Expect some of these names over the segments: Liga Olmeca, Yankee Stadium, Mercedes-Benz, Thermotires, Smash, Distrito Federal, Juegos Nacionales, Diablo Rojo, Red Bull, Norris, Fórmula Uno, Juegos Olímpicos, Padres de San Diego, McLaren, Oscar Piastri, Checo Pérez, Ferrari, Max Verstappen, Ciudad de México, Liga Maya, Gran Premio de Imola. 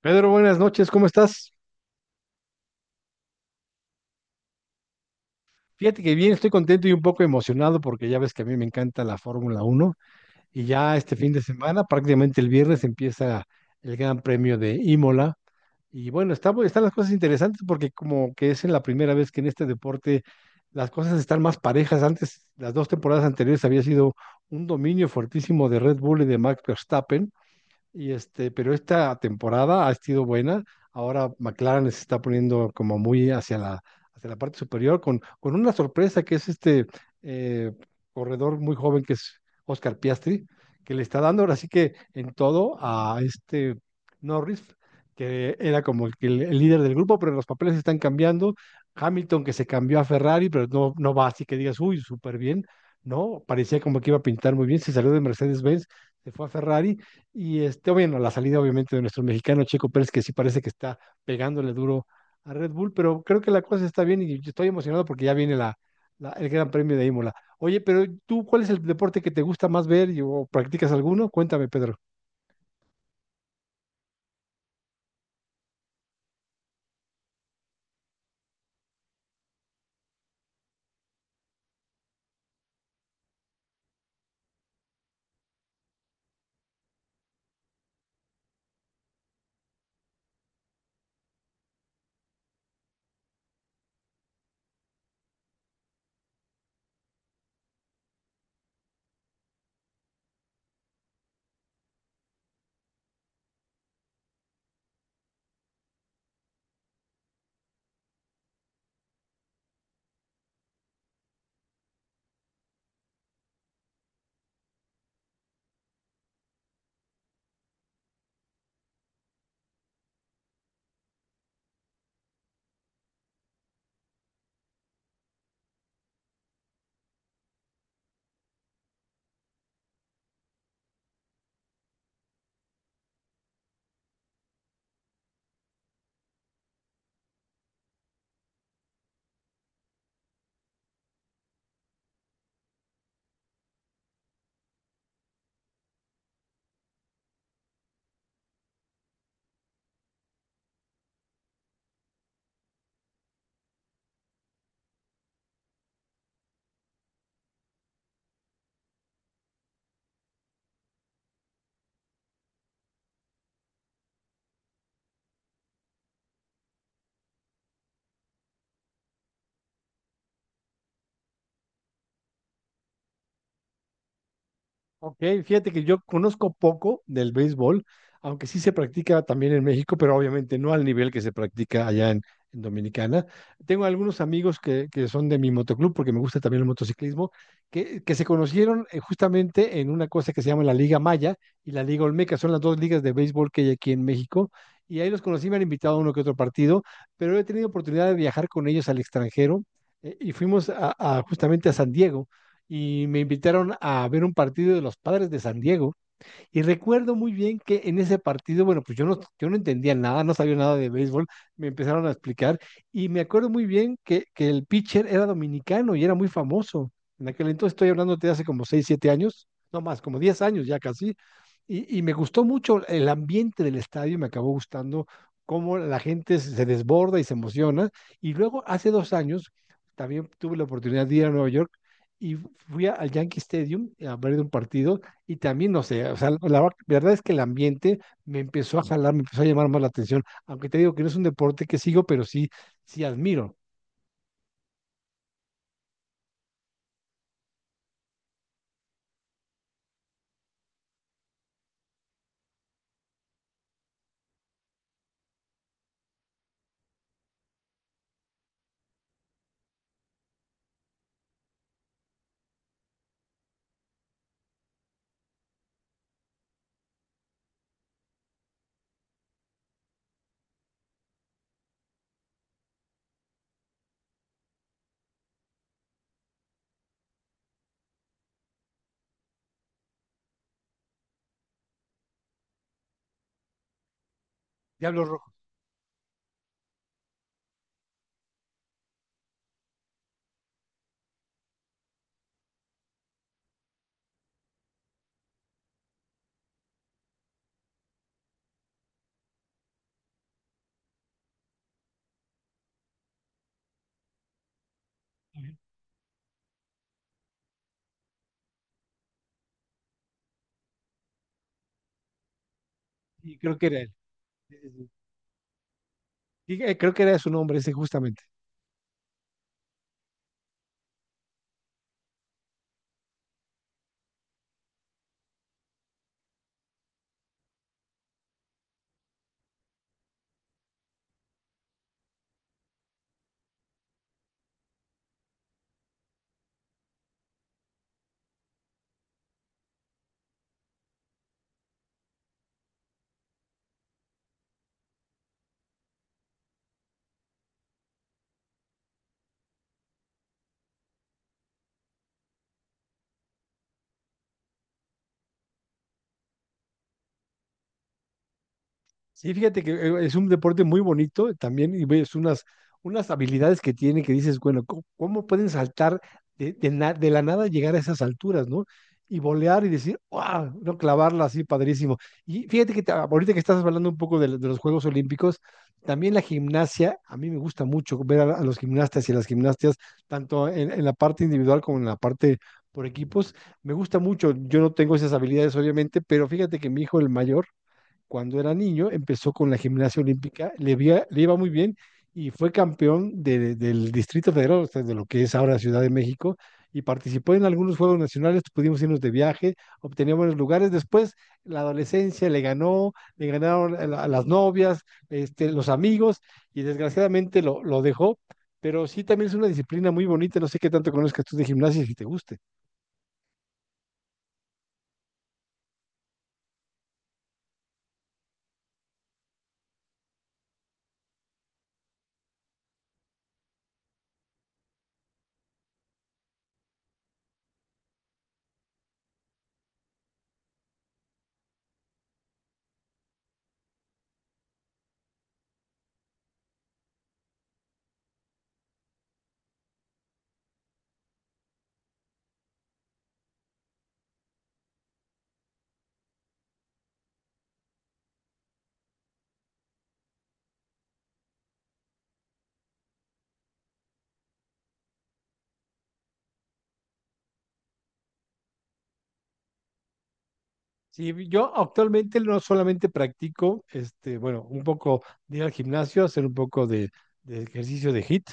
Pedro, buenas noches, ¿cómo estás? Fíjate que bien, estoy contento y un poco emocionado porque ya ves que a mí me encanta la Fórmula Uno y ya este fin de semana, prácticamente el viernes, empieza el Gran Premio de Imola. Y bueno, están las cosas interesantes porque como que es en la primera vez que en este deporte las cosas están más parejas. Antes, las dos temporadas anteriores había sido un dominio fuertísimo de Red Bull y de Max Verstappen. Pero esta temporada ha sido buena. Ahora McLaren se está poniendo como muy hacia la parte superior con una sorpresa que es eh, corredor muy joven que es Oscar Piastri, que le está dando ahora sí que en todo a este Norris, que era como el líder del grupo, pero los papeles están cambiando. Hamilton que se cambió a Ferrari, pero no va así que digas, uy, súper bien. No, parecía como que iba a pintar muy bien, se salió de Mercedes-Benz, se fue a Ferrari bueno, la salida obviamente de nuestro mexicano Checo Pérez, que sí parece que está pegándole duro a Red Bull, pero creo que la cosa está bien y yo estoy emocionado porque ya viene el Gran Premio de Imola. Oye, pero tú, ¿cuál es el deporte que te gusta más o practicas alguno? Cuéntame, Pedro. Ok, fíjate que yo conozco poco del béisbol, aunque sí se practica también en México, pero obviamente no al nivel que se practica en Dominicana. Tengo algunos amigos que son de mi motoclub, porque me gusta también el motociclismo, que se conocieron justamente en una cosa que se llama la Liga Maya y la Liga Olmeca. Son las dos ligas de béisbol que hay aquí en México. Y ahí los conocí, me han invitado a uno que otro partido, pero he tenido oportunidad de viajar con ellos al extranjero y fuimos justamente a San Diego y me invitaron a ver un partido de los Padres de San Diego y recuerdo muy bien que en ese partido, bueno, pues yo no entendía nada, no sabía nada de béisbol, me empezaron a explicar y me acuerdo muy bien que el pitcher era dominicano y era muy famoso. En aquel entonces estoy hablando de hace como 6 7 años, no más, como 10 años ya casi. Y me gustó mucho el ambiente del estadio, me acabó gustando cómo la gente se desborda y se emociona. Y luego hace dos años también tuve la oportunidad de ir a Nueva York y fui al Yankee Stadium a ver un partido y también, no sé, o sea, verdad es que el ambiente me empezó a jalar, me empezó a llamar más la atención, aunque te digo que no es un deporte que sigo, pero sí, sí admiro. Diablo Rojo, y creo que era él. Sí, sí, sí. Y, creo que era su nombre ese justamente. Sí, fíjate que es un deporte muy bonito también y ves unas, unas habilidades que tiene que dices, bueno, ¿cómo, cómo pueden saltar de la nada llegar a esas alturas, ¿no? Y volear y decir, ¡wow! No clavarla así, padrísimo. Y fíjate ahorita que estás hablando un poco de los Juegos Olímpicos, también la gimnasia, a mí me gusta mucho ver a los gimnastas y a las gimnastas, tanto en la parte individual como en la parte por equipos. Me gusta mucho, yo no tengo esas habilidades, obviamente, pero fíjate que mi hijo, el mayor, cuando era niño, empezó con la gimnasia olímpica, le iba muy bien y fue campeón del Distrito Federal, o sea, de lo que es ahora Ciudad de México, y participó en algunos Juegos Nacionales, pudimos irnos de viaje, obtenía buenos lugares. Después, la adolescencia le ganó, le ganaron a a las novias, este, los amigos, y desgraciadamente lo dejó, pero sí también es una disciplina muy bonita, no sé qué tanto conozcas tú de gimnasia y si te guste. Sí, yo actualmente no solamente practico, este, bueno, un poco de ir al gimnasio, hacer un poco de ejercicio de hit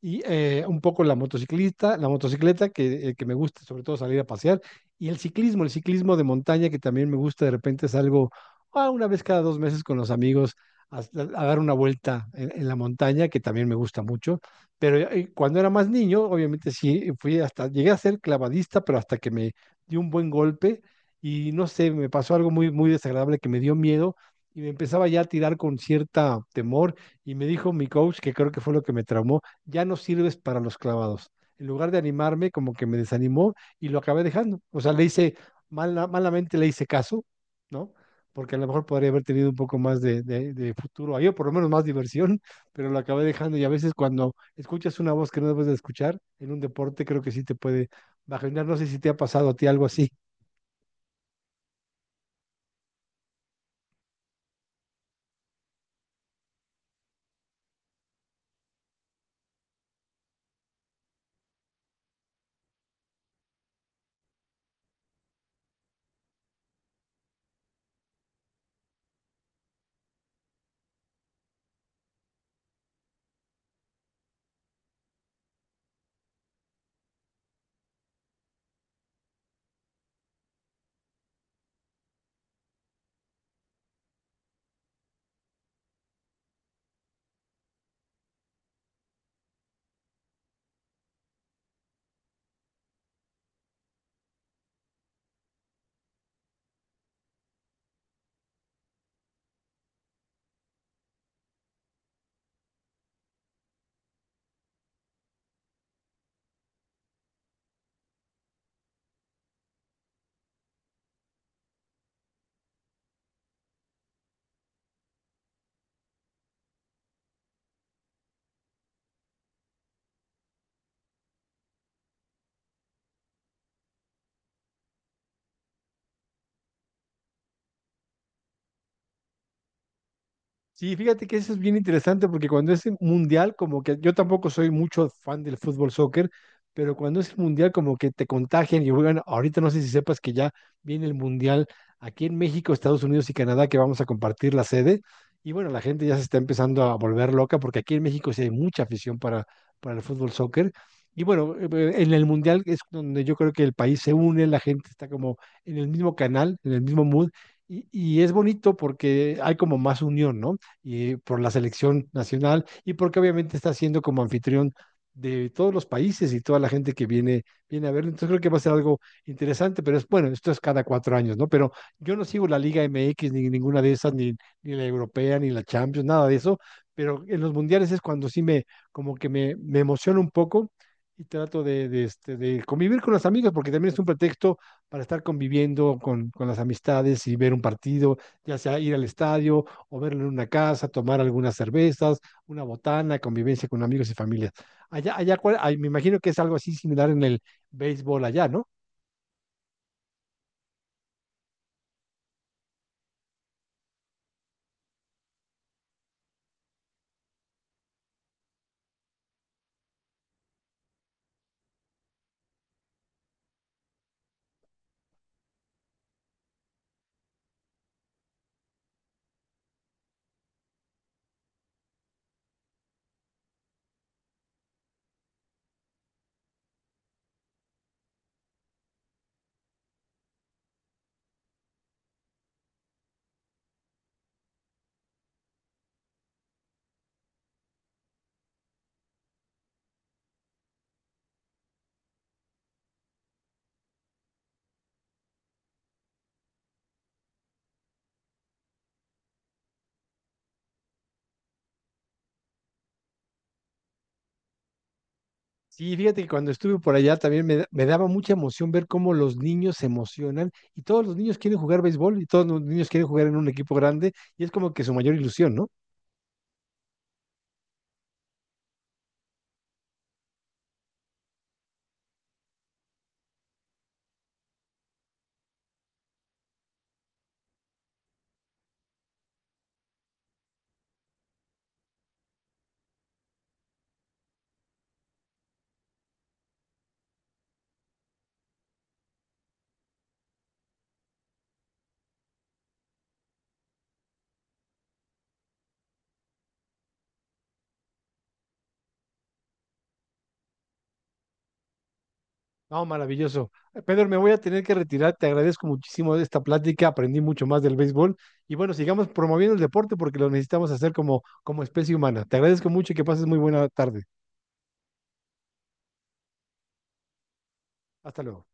y un poco la motocicleta que me gusta, sobre todo salir a pasear, y el ciclismo de montaña que también me gusta, de repente salgo una vez cada dos meses con los amigos a dar una vuelta en la montaña, que también me gusta mucho, pero cuando era más niño, obviamente sí, llegué a ser clavadista, pero hasta que me dio un buen golpe y no sé, me pasó algo muy, muy desagradable que me dio miedo y me empezaba ya a tirar con cierta temor y me dijo mi coach, que creo que fue lo que me traumó, ya no sirves para los clavados. En lugar de animarme, como que me desanimó y lo acabé dejando. O sea, malamente le hice caso, ¿no? Porque a lo mejor podría haber tenido un poco más de futuro ahí, o por lo menos más diversión, pero lo acabé dejando. Y a veces cuando escuchas una voz que no debes de escuchar en un deporte, creo que sí te puede bajar. No sé si te ha pasado a ti algo así. Sí, fíjate que eso es bien interesante porque cuando es el mundial, como que yo tampoco soy mucho fan del fútbol soccer, pero cuando es el mundial, como que te contagian y juegan. Ahorita no sé si sepas que ya viene el mundial aquí en México, Estados Unidos y Canadá, que vamos a compartir la sede. Y bueno, la gente ya se está empezando a volver loca porque aquí en México sí hay mucha afición para el fútbol soccer. Y bueno, en el mundial es donde yo creo que el país se une, la gente está como en el mismo canal, en el mismo mood. Y es bonito porque hay como más unión, ¿no? Y por la selección nacional y porque obviamente está siendo como anfitrión de todos los países y toda la gente que viene, viene a verlo. Entonces creo que va a ser algo interesante, pero es bueno, esto es cada cuatro años, ¿no? Pero yo no sigo la Liga MX ni ninguna de esas, ni, ni la europea, ni la Champions, nada de eso, pero en los mundiales es cuando como que me emociona un poco y trato este, de convivir con los amigos porque también es un pretexto para estar conviviendo con las amistades y ver un partido, ya sea ir al estadio o verlo en una casa, tomar algunas cervezas, una botana, convivencia con amigos y familias. Ay, me imagino que es algo así similar en el béisbol allá, ¿no? Sí, fíjate que cuando estuve por allá también me daba mucha emoción ver cómo los niños se emocionan y todos los niños quieren jugar béisbol y todos los niños quieren jugar en un equipo grande y es como que su mayor ilusión, ¿no? No, maravilloso. Pedro, me voy a tener que retirar. Te agradezco muchísimo esta plática. Aprendí mucho más del béisbol. Y bueno, sigamos promoviendo el deporte porque lo necesitamos hacer como, como especie humana. Te agradezco mucho y que pases muy buena tarde. Hasta luego.